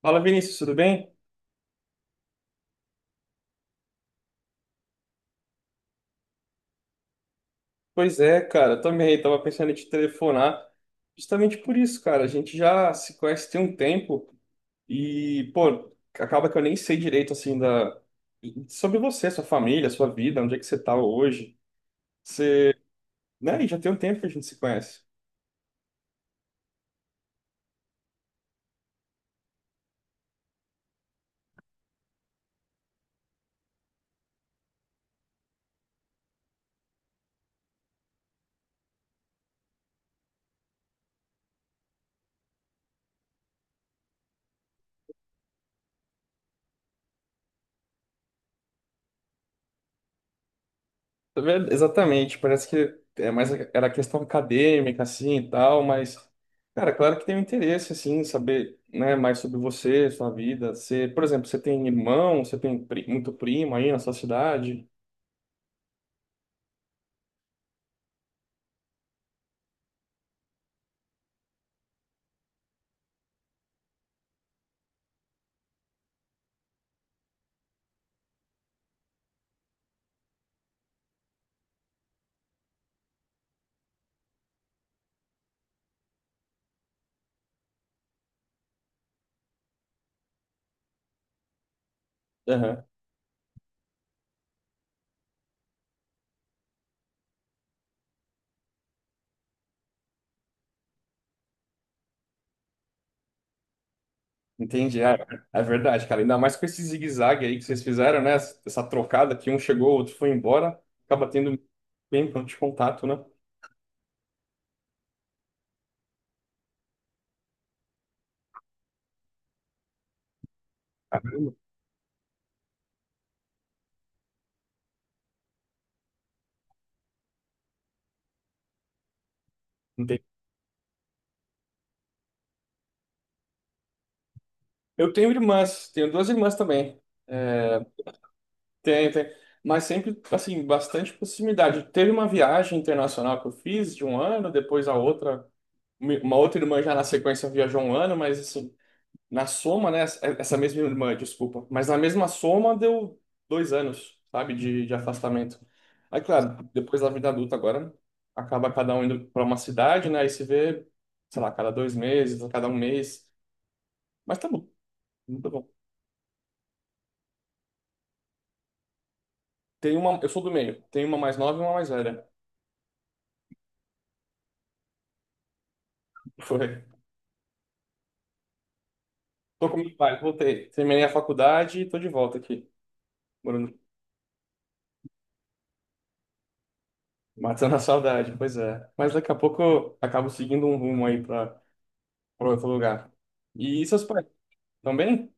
Fala, Vinícius, tudo bem? Pois é, cara, também tava pensando em te telefonar justamente por isso, cara. A gente já se conhece tem um tempo e, pô, acaba que eu nem sei direito, assim, sobre você, sua família, sua vida, onde é que você tá hoje. Você, né, e já tem um tempo que a gente se conhece. Tá vendo? Exatamente, parece que é mais era questão acadêmica assim e tal, mas cara, claro que tem um interesse assim, em saber, né, mais sobre você, sua vida. Você, por exemplo, você tem irmão, você tem muito primo aí na sua cidade? Aham. Entendi, é verdade, cara. Ainda mais com esse zigue-zague aí que vocês fizeram, né? Essa trocada que um chegou, o outro foi embora, acaba tendo bem ponto de contato, né? Não. Eu tenho irmãs, tenho duas irmãs também. Tem, tem. Mas sempre, assim, bastante proximidade. Teve uma viagem internacional que eu fiz de um ano, depois a outra, uma outra irmã já na sequência viajou um ano, mas assim, na soma, né? Essa mesma irmã, desculpa. Mas na mesma soma deu 2 anos, sabe, de afastamento. Aí, claro, depois da vida adulta agora, acaba cada um indo para uma cidade, né? E se vê, sei lá, cada 2 meses, a cada um mês. Mas tá bom, muito bom. Tem uma, eu sou do meio, tem uma mais nova e uma mais velha. Tô com meus pais, voltei. Terminei a faculdade e tô de volta aqui, morando, matando a saudade, pois é. Mas daqui a pouco eu acabo seguindo um rumo aí pra outro lugar. E seus pais, também?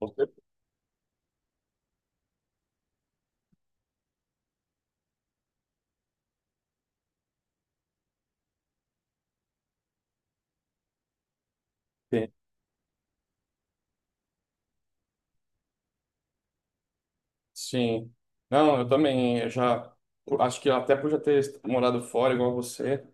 Você tem. Sim. Não, eu também, acho que até por já ter morado fora, igual você,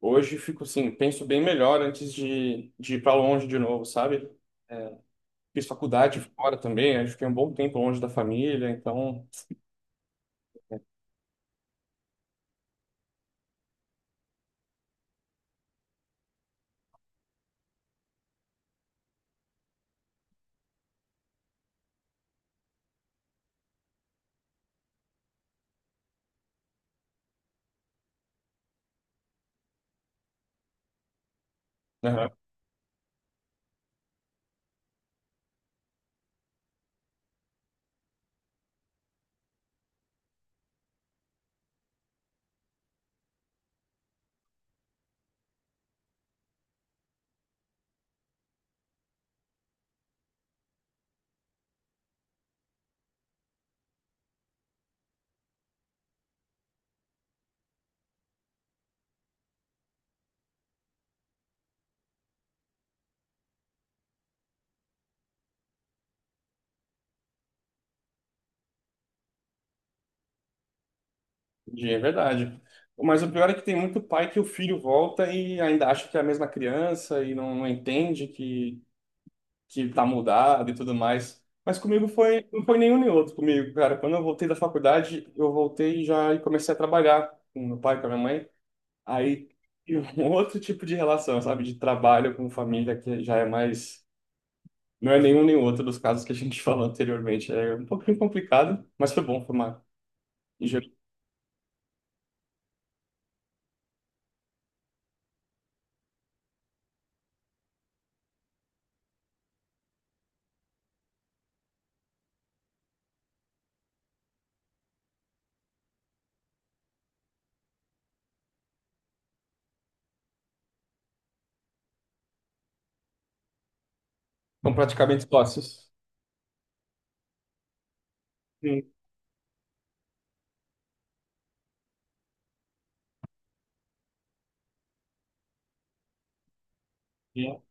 hoje fico assim, penso bem melhor antes de ir pra longe de novo, sabe? É, fiz faculdade fora também, acho que é um bom tempo longe da família, então... Entendi. É verdade. Mas o pior é que tem muito pai que o filho volta e ainda acha que é a mesma criança e não entende que tá mudado e tudo mais. Mas comigo foi, não foi nenhum nem outro comigo, cara. Quando eu voltei da faculdade, eu voltei já e comecei a trabalhar com meu pai, com a minha mãe. Aí e um outro tipo de relação, sabe? De trabalho com família que já é mais. Não é nenhum nem outro dos casos que a gente falou anteriormente. É um pouquinho complicado, mas foi bom formar. São praticamente sócios. Sim.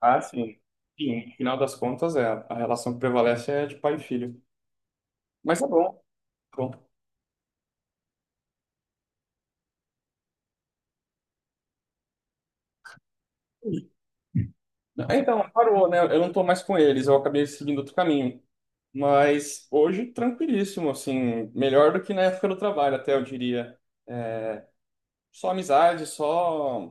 Ah, sim. Sim, no final das contas, é, a relação que prevalece é de pai e filho. Mas tá bom, tá bom. Então, parou, né? Eu não tô mais com eles, eu acabei seguindo outro caminho. Mas hoje, tranquilíssimo, assim, melhor do que na época do trabalho, até eu diria. É, só amizade, só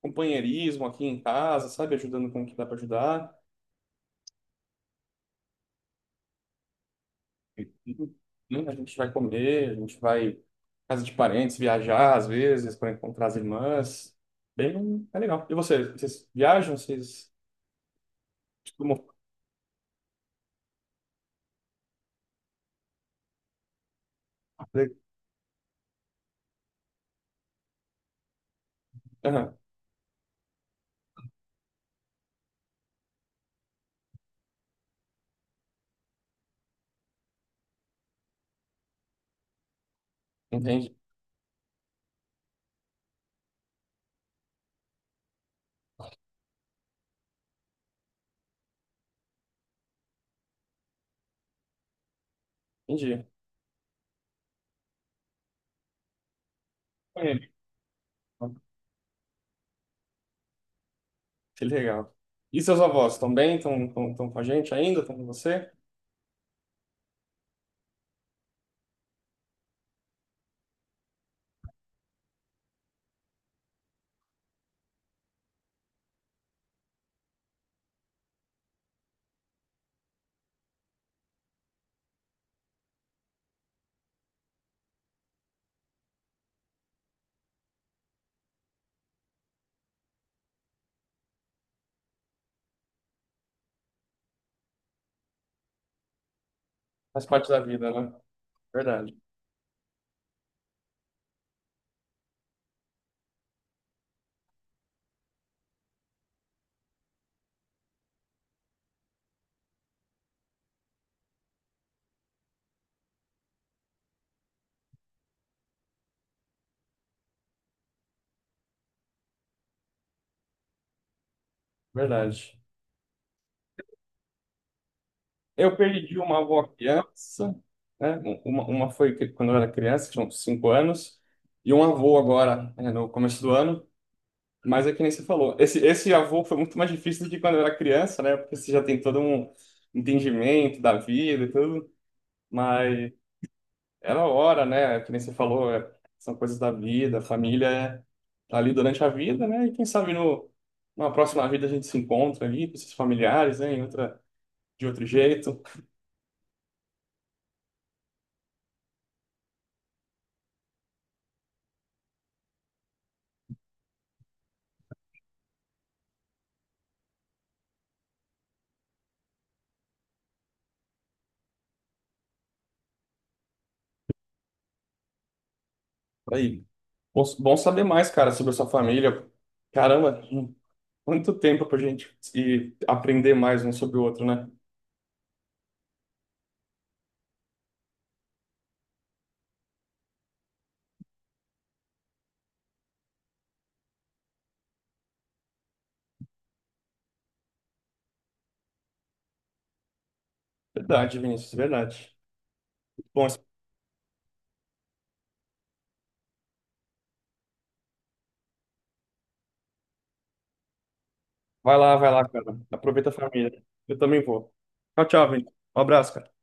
companheirismo aqui em casa, sabe? Ajudando com o que dá pra ajudar. Né, a gente vai comer, a gente vai à casa de parentes, viajar às vezes para encontrar as irmãs. Bem, é legal. E vocês, vocês viajam? Vocês costumam fazer? Aham, entendi, entendi. É, que legal. E seus avós estão bem? Estão com a gente ainda? Estão com você? Faz parte da vida, né? Verdade, verdade. Eu perdi uma avó criança, né? Uma foi quando eu era criança, tinha uns 5 anos, e um avô agora, né, no começo do ano. Mas é que nem você falou, esse avô foi muito mais difícil do que quando eu era criança, né? Porque você já tem todo um entendimento da vida e tudo, mas era a hora, né? É. Que nem você falou, são coisas da vida, a família tá ali durante a vida, né? E quem sabe no, numa próxima vida a gente se encontra ali com esses familiares, né? Em outra, de outro jeito. Aí, bom, bom saber mais, cara, sobre a sua família. Caramba, quanto tempo pra gente ir aprender mais um sobre o outro, né? Verdade, Vinícius, verdade. Bom, vai lá, vai lá, cara. Aproveita a família. Eu também vou. Tchau, tchau, gente. Um abraço, cara.